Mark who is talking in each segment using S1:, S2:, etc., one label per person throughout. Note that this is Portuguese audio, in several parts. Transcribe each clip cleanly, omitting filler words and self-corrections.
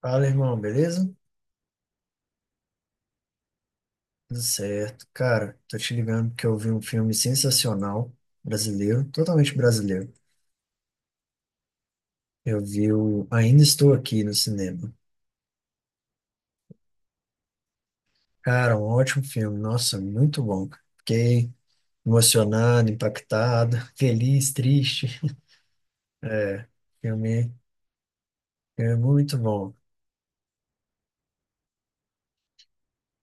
S1: Fala, irmão, beleza? Tudo certo. Cara, tô te ligando porque eu vi um filme sensacional, brasileiro, totalmente brasileiro. Eu vi o Ainda Estou Aqui no cinema. Cara, um ótimo filme, nossa, muito bom. Cara. Fiquei emocionado, impactado, feliz, triste. É, filme, filme muito bom.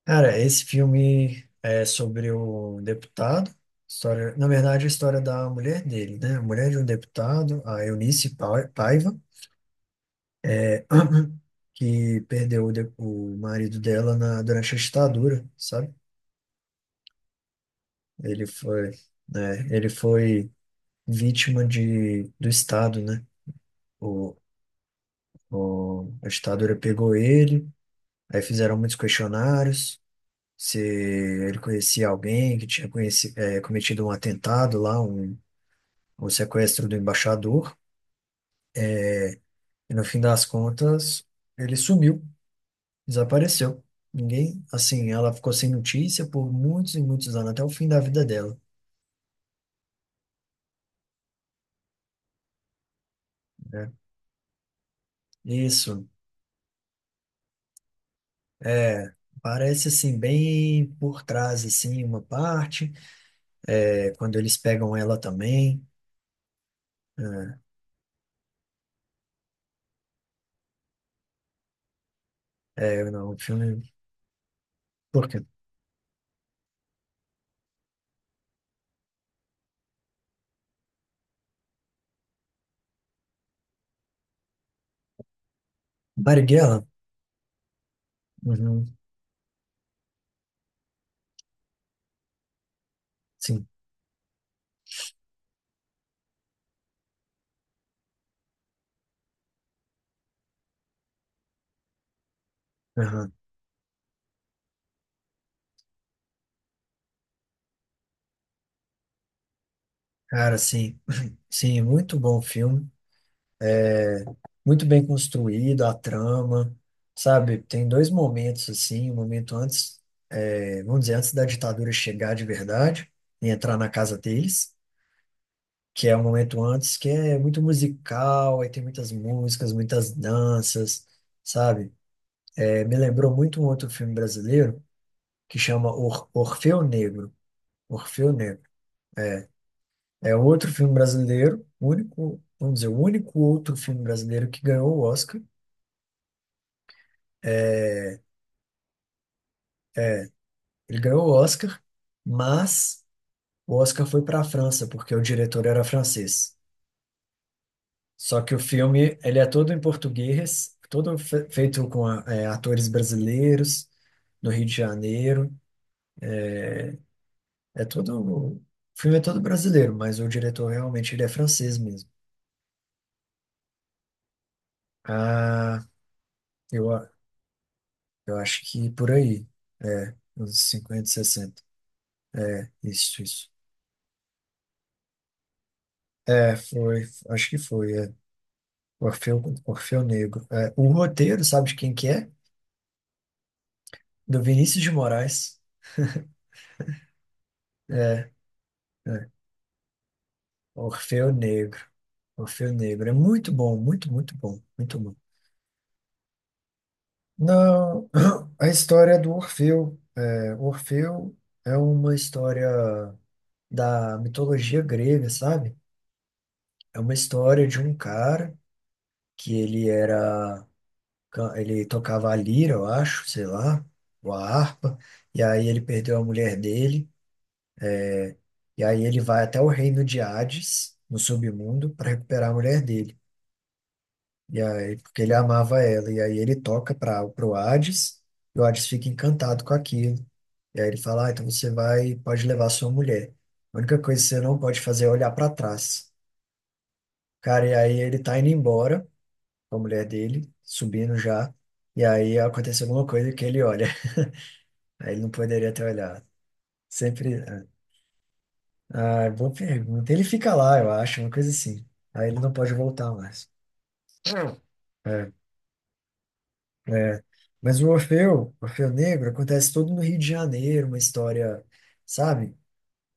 S1: Cara, esse filme é sobre história, na verdade, a história da mulher dele, né? A mulher de um deputado, a Eunice Paiva. É, que perdeu o marido dela durante a ditadura, sabe? Ele foi, né, ele foi vítima do Estado, né? O, a ditadura pegou ele, aí fizeram muitos questionários, se ele conhecia alguém que tinha cometido um atentado lá, um sequestro do embaixador, e no fim das contas ele sumiu. Desapareceu. Ninguém, assim, ela ficou sem notícia por muitos e muitos anos, até o fim da vida dela, né? Isso, é, parece assim, bem por trás, assim, uma parte, é, quando eles pegam ela também, não, o filme, por quê? Marighella? Uhum, sim, aham. Cara, sim, sim, muito bom filme. É muito bem construído a trama, sabe? Tem dois momentos assim, um momento antes, é, vamos dizer, antes da ditadura chegar de verdade e entrar na casa deles, que é o momento antes que é muito musical, aí tem muitas músicas, muitas danças, sabe? É, me lembrou muito um outro filme brasileiro que chama Or Orfeu Negro. Orfeu Negro. É um outro filme brasileiro, o único, vamos dizer, o único outro filme brasileiro que ganhou o Oscar. É, ele ganhou o Oscar, mas o Oscar foi para a França, porque o diretor era francês. Só que o filme, ele é todo em português, todo feito com atores brasileiros, no Rio de Janeiro. É todo, o filme é todo brasileiro, mas o diretor realmente ele é francês mesmo. Ah, eu, a- eu acho que por aí, é, uns 50, 60. Isso, isso. É, foi, acho que foi, é. Orfeu Negro. É, o roteiro, sabe de quem que é? Do Vinícius de Moraes. É, é. Orfeu Negro. Orfeu Negro. É muito bom, muito bom. Não, a história do Orfeu. É, Orfeu é uma história da mitologia grega, sabe? É uma história de um cara que ele era, ele tocava a lira, eu acho, sei lá, ou a harpa, e aí ele perdeu a mulher dele, e aí ele vai até o reino de Hades, no submundo, para recuperar a mulher dele. E aí, porque ele amava ela. E aí ele toca para pro Hades, e o Hades fica encantado com aquilo. E aí ele fala, ah, então você vai, pode levar sua mulher. A única coisa que você não pode fazer é olhar para trás. Cara, e aí ele tá indo embora com a mulher dele, subindo já. E aí aconteceu alguma coisa que ele olha. Aí ele não poderia ter olhado. Sempre. Ah, ah, boa pergunta. Ele fica lá, eu acho, uma coisa assim. Aí ele não pode voltar mais. É. É, mas o Orfeu Negro, acontece todo no Rio de Janeiro, uma história, sabe?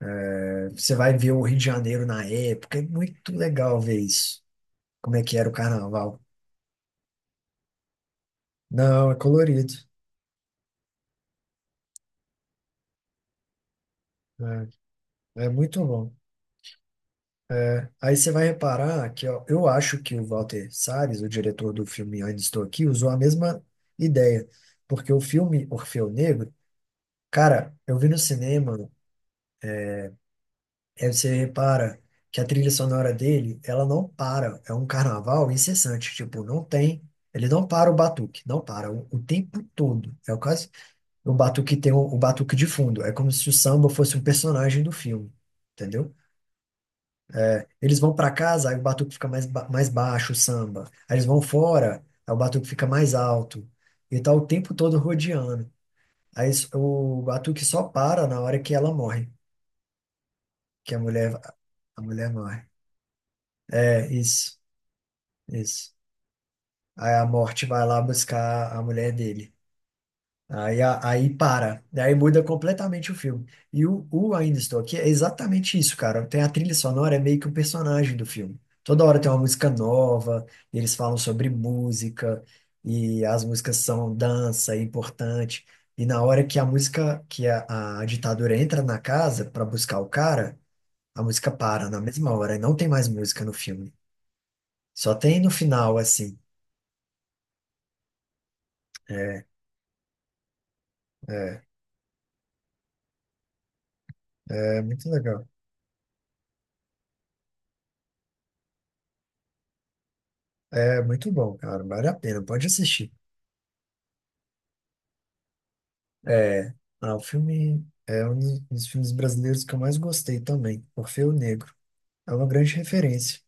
S1: É, você vai ver o Rio de Janeiro na época, é muito legal ver isso, como é que era o carnaval. Não, é colorido, é, é muito bom. É, aí você vai reparar que ó, eu acho que o Walter Salles, o diretor do filme Ainda Estou Aqui, usou a mesma ideia, porque o filme Orfeu Negro, cara, eu vi no cinema. Aí você repara que a trilha sonora dele, ela não para. É um carnaval incessante. Tipo, não tem. Ele não para o batuque, não o tempo todo. É quase o batuque de fundo. É como se o samba fosse um personagem do filme, entendeu? Eles vão para casa, aí o batuque fica mais baixo, o samba. Aí eles vão fora, aí o batuque fica mais alto. E tá o tempo todo rodeando. O batuque só para na hora que ela morre, que a mulher morre. É isso. Isso. Aí a morte vai lá buscar a mulher dele. Aí para. Daí muda completamente o filme. E o Ainda Estou Aqui é exatamente isso, cara. Tem a trilha sonora, é meio que o personagem do filme. Toda hora tem uma música nova, e eles falam sobre música, e as músicas são dança, é importante. E na hora que a ditadura entra na casa para buscar o cara, a música para na mesma hora, e não tem mais música no filme. Só tem no final, assim. É, é. É muito legal. É muito bom, cara. Vale a pena. Pode assistir. É, ah, o filme é um dos filmes brasileiros que eu mais gostei também, Orfeu Negro. É uma grande referência.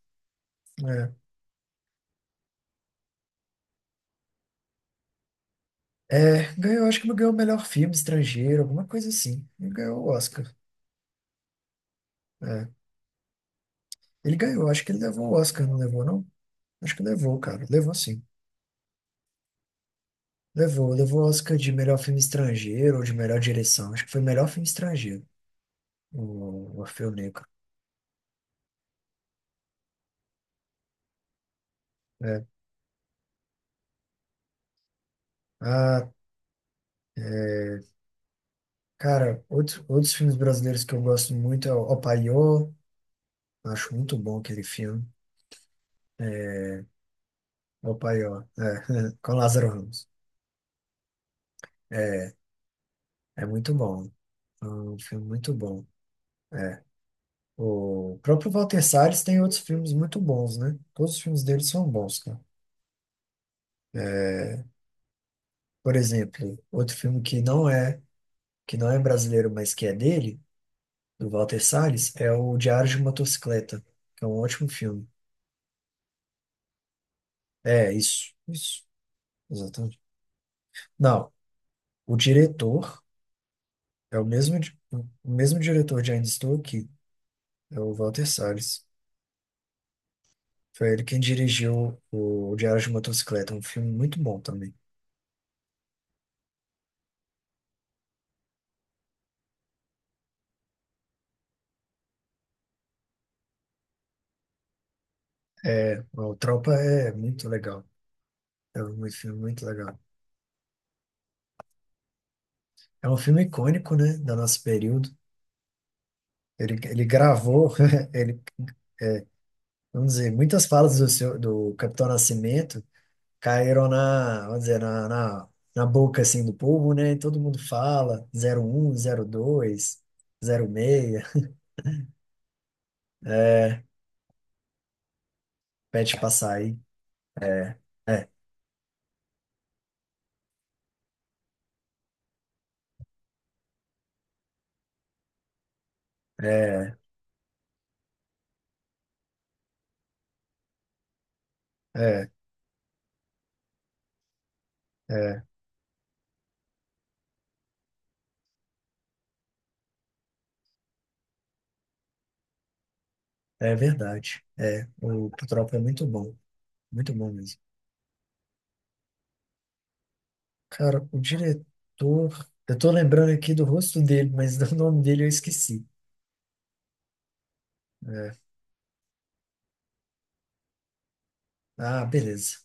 S1: É, ganhou, acho que ele ganhou o melhor filme estrangeiro, alguma coisa assim. Ele ganhou o Oscar. É. Ele ganhou, acho que ele levou o Oscar, não levou, não? Acho que levou, cara. Levou sim. Levou, levou o Oscar de melhor filme estrangeiro ou de melhor direção. Acho que foi melhor filme estrangeiro, o Orfeu Negro. É. Ah, é. Cara, outros filmes brasileiros que eu gosto muito é o O, acho muito bom aquele filme. É, O Paiô, é, com Lázaro Ramos. É, é muito bom. É um filme muito bom. É. O próprio Walter Salles tem outros filmes muito bons, né? Todos os filmes dele são bons, cara. É, por exemplo, outro filme que não é brasileiro, mas que é dele, do Walter Salles, é o Diário de Motocicleta, que é um ótimo filme. É, isso, exatamente. Não, o diretor é o mesmo diretor de Ainda Estou Aqui, é o Walter Salles. Foi ele quem dirigiu o Diário de Motocicleta, um filme muito bom também. É, o Tropa é muito legal. É um filme muito legal. É um filme icônico, né, do nosso período. Ele gravou, ele, vamos dizer, muitas falas do Capitão Nascimento caíram na, vamos dizer, na, na, na boca, assim, do povo, né? E todo mundo fala, zero zero um zero dois zero seis. Pede Passaí. É, é, é, é, é, é verdade. É, o Tropa é muito bom. Muito bom mesmo. Cara, o diretor. Eu tô lembrando aqui do rosto dele, mas do nome dele eu esqueci. É. Ah, beleza.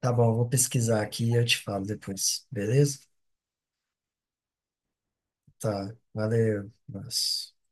S1: Tá bom, eu vou pesquisar aqui e eu te falo depois. Beleza? Tá. Valeu. Nossa.